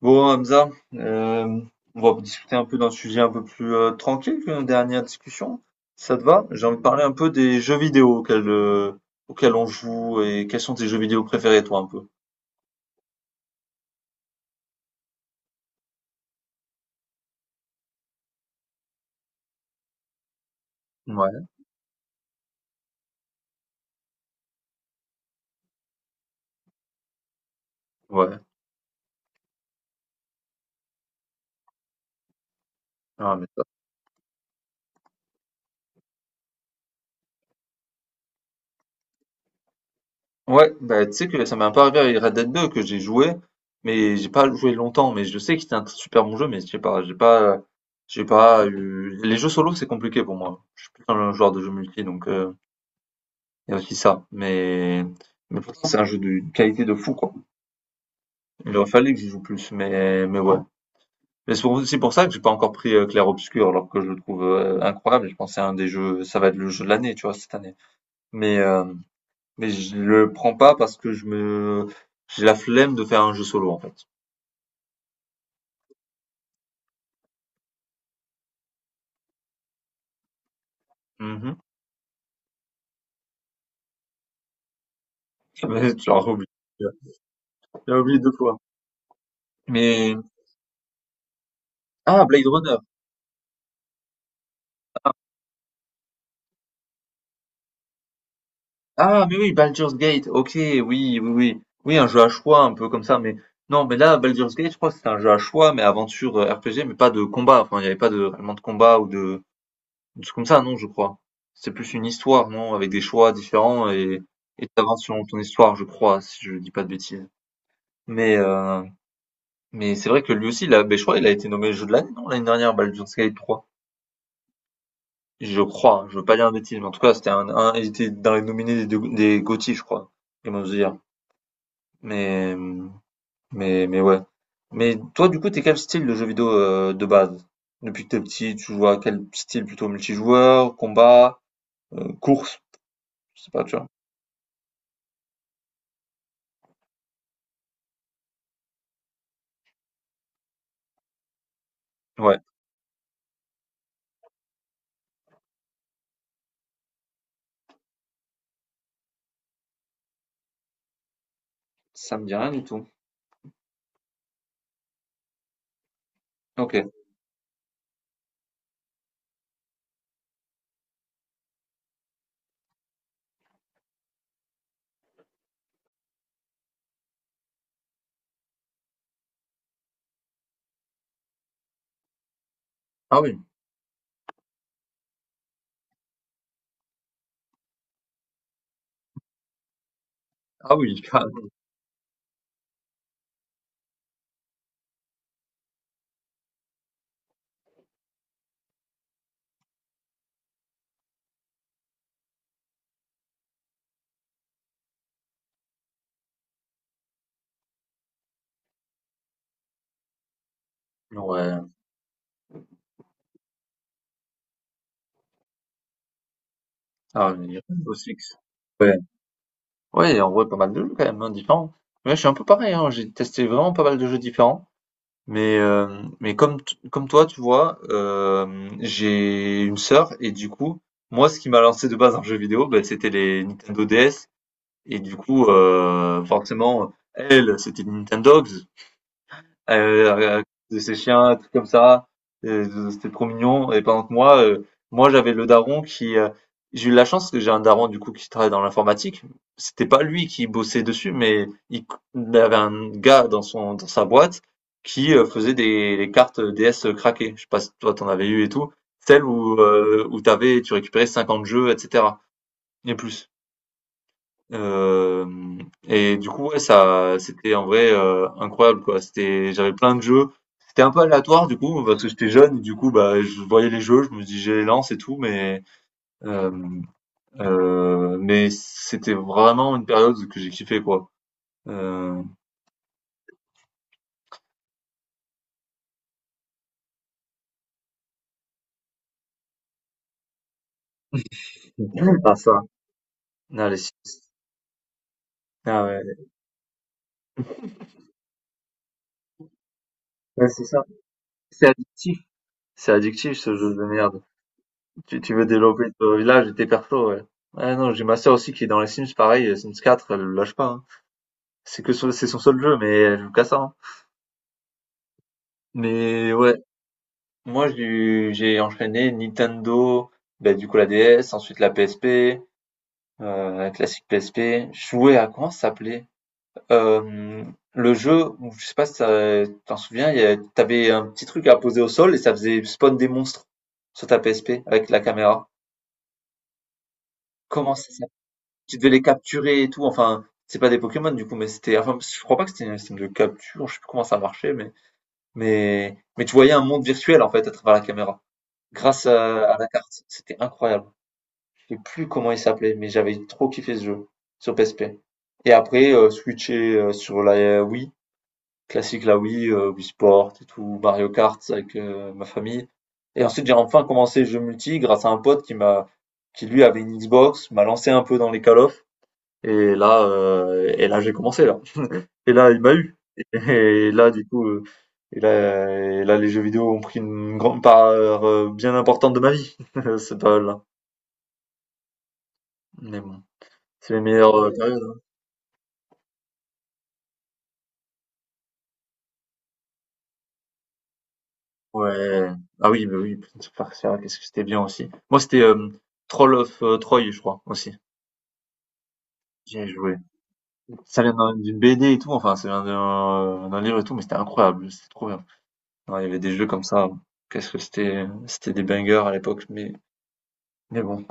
Bon, Hamza, on va discuter un peu d'un sujet un peu plus tranquille que nos dernières discussions. Ça te va? J'ai envie de parler un peu des jeux vidéo auxquels on joue et quels sont tes jeux vidéo préférés, toi, un peu. Ouais, ouais. Ah, mais ça- Ouais, bah, tu sais que ça m'est un peu arrivé avec Red Dead 2 que j'ai joué, mais j'ai pas joué longtemps, mais je sais que c'était un super bon jeu, mais je sais pas, j'ai pas eu. Les jeux solo, c'est compliqué pour moi. Je suis plus un joueur de jeux multi, donc, il y a aussi ça, mais pourtant c'est un jeu d'une qualité de fou quoi. Il aurait fallu que j'y joue plus, mais ouais. Mais c'est pour ça que j'ai pas encore pris Clair Obscur alors que je le trouve incroyable. Et je pense que c'est un des jeux, ça va être le jeu de l'année tu vois cette année. Mais euh, mais je le prends pas parce que je me j'ai la flemme de faire un jeu solo en fait. Mhm. tu l'as oublié, tu l'as oublié deux fois. Mais ah Blade Runner. Ah, mais oui, Baldur's Gate, ok, oui, oui, oui. Oui, un jeu à choix, un peu comme ça, mais non, mais là, Baldur's Gate, je crois que c'était un jeu à choix, mais aventure RPG, mais pas de combat. Enfin, il n'y avait pas réellement de combat ou de trucs comme ça, non, je crois. C'est plus une histoire, non, avec des choix différents et t'avances sur ton histoire, je crois, si je dis pas de bêtises. Mais euh, mais c'est vrai que lui aussi, là, ben, je crois, il a été nommé jeu de l'année, non, l'année dernière, Baldur's Gate 3. Je crois, je veux pas dire de bêtises, mais en tout cas, c'était il était dans les nominés des GOTY, je crois. Comment dire. Mais, mais ouais. Mais toi, du coup, t'es quel style de jeu vidéo de base? Depuis que t'es petit, tu joues à quel style? Plutôt multijoueur, combat, course? Je sais pas, tu vois. Ouais. Ça me dit rien du tout. Ok. Ah oui. Ah oui, carrément. Ouais. Ah, oui, Rainbow Six. Ouais. Ouais, en vrai, pas mal de jeux quand même, hein, différents. Mais je suis un peu pareil, hein. J'ai testé vraiment pas mal de jeux différents. Mais, euh, mais comme, comme toi, tu vois, j'ai une sœur et du coup, moi, ce qui m'a lancé de base dans jeu vidéo, ben, c'était les Nintendo DS. Et du coup, forcément, elle, c'était les Nintendogs, heu, de ses chiens, un truc comme ça, c'était trop mignon et pendant que moi j'avais le daron j'ai eu la chance que j'ai un daron du coup qui travaille dans l'informatique. C'était pas lui qui bossait dessus, mais il avait un gars dans sa boîte qui, faisait des les cartes DS craquées. Je sais pas si toi t'en avais eu et tout, celles où, où t'avais tu récupérais 50 jeux et cetera et plus. Hem, et du coup, ouais, ça, c'était en vrai, incroyable, quoi. C'était j'avais plein de jeux. C'était un peu aléatoire, du coup, parce que j'étais jeune, et du coup, bah, je voyais les jeux, je me dis: «Je les lance et tout», hem, mais c'était vraiment une période que j'ai kiffé, quoi. Heu, c'est dingue ça. Non, les. Ah ouais, ouais, c'est ça. C'est addictif. C'est addictif ce jeu de merde. Tu veux développer ton village et tes persos, ouais. Ouais, non, j'ai ma sœur aussi qui est dans les Sims, pareil, Sims 4, elle le lâche pas, hein. C'est son seul jeu, mais elle joue qu'à ça, hein. Mais ouais, moi j'ai enchaîné Nintendo, bah, du coup la DS, ensuite la PSP, la classique PSP. Je jouais à comment ça s'appelait? Euh, le jeu, où- je sais pas si ça- t'en souviens, t'avais un petit truc à poser au sol et ça faisait spawn des monstres sur ta PSP avec la caméra. Comment ça s'appelle. Tu devais les capturer et tout. Enfin, c'est pas des Pokémon du coup, mais c'était. Enfin, je crois pas que c'était un système de capture. Je sais plus comment ça marchait, mais. Mais tu voyais un monde virtuel en fait à travers la caméra, grâce à la carte. C'était incroyable. Je sais plus comment il s'appelait, mais j'avais trop kiffé ce jeu sur PSP. Et après, switcher sur la Wii, classique la Wii, Wii Sport et tout, Mario Kart avec ma famille. Et ensuite, j'ai enfin commencé le jeu multi grâce à un pote qui lui avait une Xbox, m'a lancé un peu dans les Call of. J'ai commencé là. Et là, il m'a eu. Et là, du coup, les jeux vidéo ont pris une grande part, bien importante de ma vie, C'est pas là. Mais bon, c'est les meilleures, périodes, hein. Ouais. Ah oui, bah oui, Prince of Persia, qu'est-ce que c'était bien aussi. Moi, c'était, Troll of, Troy, je crois, aussi. J'y ai joué. Ça vient d'une BD et tout, enfin, ça vient d'un livre et tout, mais c'était incroyable, c'était trop bien. Ouais, il y avait des jeux comme ça, qu'est-ce que c'était, des bangers à l'époque, mais bon.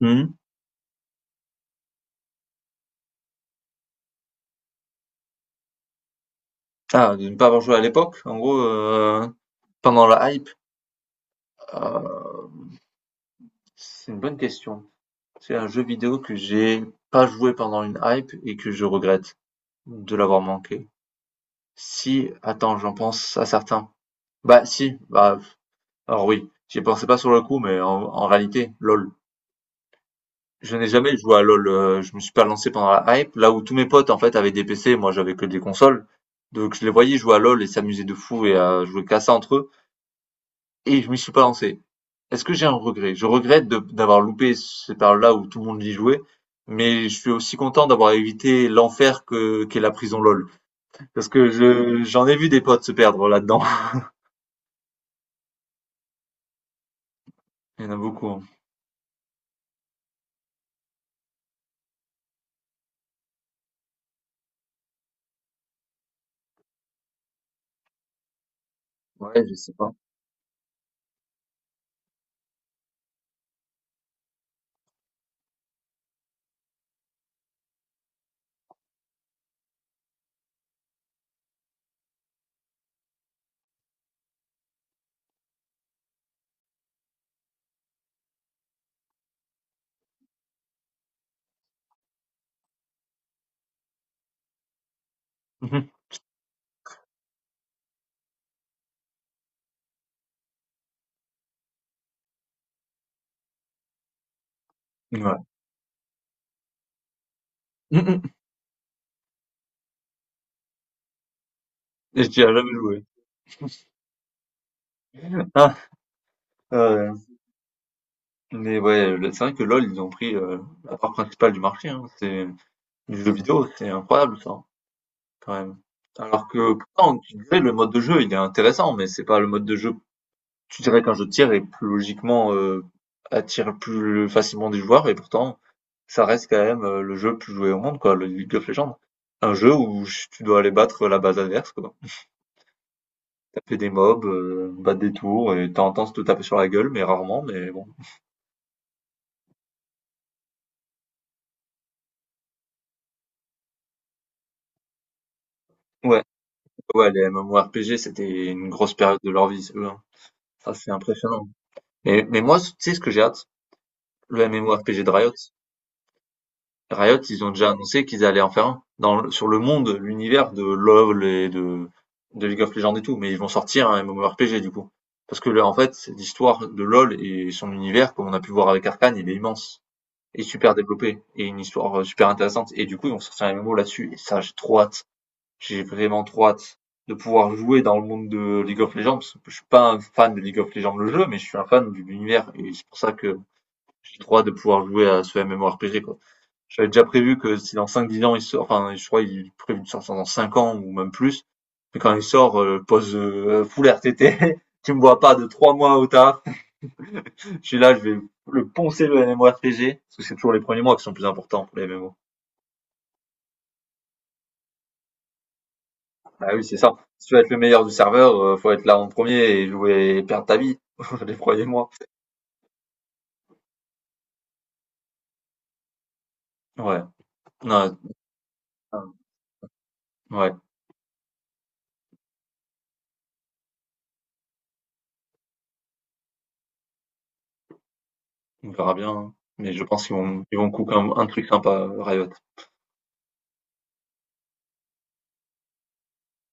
Mmh. Ah, de ne pas avoir joué à l'époque, en gros, pendant la hype? Heu, c'est une bonne question. C'est un jeu vidéo que j'ai pas joué pendant une hype et que je regrette de l'avoir manqué. Si, attends, j'en pense à certains. Bah si, bah, alors oui, j'y pensais pas sur le coup, mais en réalité, LoL. Je n'ai jamais joué à LoL, je me suis pas lancé pendant la hype, là où tous mes potes, en fait, avaient des PC, moi j'avais que des consoles. Donc je les voyais jouer à LoL et s'amuser de fou et à jouer qu'à ça entre eux et je m'y suis pas lancé. Est-ce que j'ai un regret? Je regrette d'avoir loupé cette période-là où tout le monde y jouait, mais je suis aussi content d'avoir évité l'enfer que qu'est la prison LOL. Parce que je j'en ai vu des potes se perdre là-dedans. Il y en a beaucoup, hein. Ouais, je sais pas. Mhm. Ouais. Mhm. Et je n'y ai jamais joué. Ah, euh, mais ouais, c'est vrai que LOL, ils ont pris la part principale du marché. Hein. C'est du jeu vidéo, c'est incroyable ça, quand même. Alors que pourtant, tu disais, le mode de jeu, il est intéressant, mais c'est pas le mode de jeu. Tu dirais qu'un jeu de tir est plus logiquement, attire plus facilement des joueurs et pourtant, ça reste quand même, le jeu plus joué au monde quoi, le League of Legends. Un jeu où ch tu dois aller battre la base adverse quoi. Taper des mobs, battre des tours et t'as tendance de temps en temps se te taper sur la gueule, mais rarement, mais bon. Ouais, ouais, les MMORPG, c'était une grosse période de leur vie, ceux-là. Ça, c'est impressionnant. Mais moi, tu sais ce que j'ai hâte? Le MMORPG de Riot. Riot, ils ont déjà annoncé qu'ils allaient en faire un dans, sur le monde, l'univers de LoL et de League of Legends et tout, mais ils vont sortir un MMORPG du coup. Parce que là, en fait, l'histoire de LoL et son univers, comme on a pu voir avec Arcane, il est immense et super développé et une histoire super intéressante. Et du coup, ils vont sortir un MMO là-dessus. Et ça, j'ai trop hâte. J'ai vraiment trop hâte de pouvoir jouer dans le monde de League of Legends. Parce que je suis pas un fan de League of Legends le jeu, mais je suis un fan de l'univers et c'est pour ça que j'ai trop hâte de pouvoir jouer à ce MMORPG quoi. J'avais déjà prévu que si dans cinq dix ans il sort, enfin je crois il est prévu de sortir dans 5 ans ou même plus, mais quand il sort, pose full RTT, tu me vois pas de 3 mois au taf, je suis là, je vais le poncer le MMORPG, parce que c'est toujours les premiers mois qui sont plus importants pour les MMO. Ah oui, c'est ça. Si tu veux être le meilleur du serveur, faut être là en premier et jouer et perdre ta vie les premiers mois. Ouais, non, euh, ouais, on verra bien, hein. Mais je pense qu'ils vont couper un truc sympa, Riot.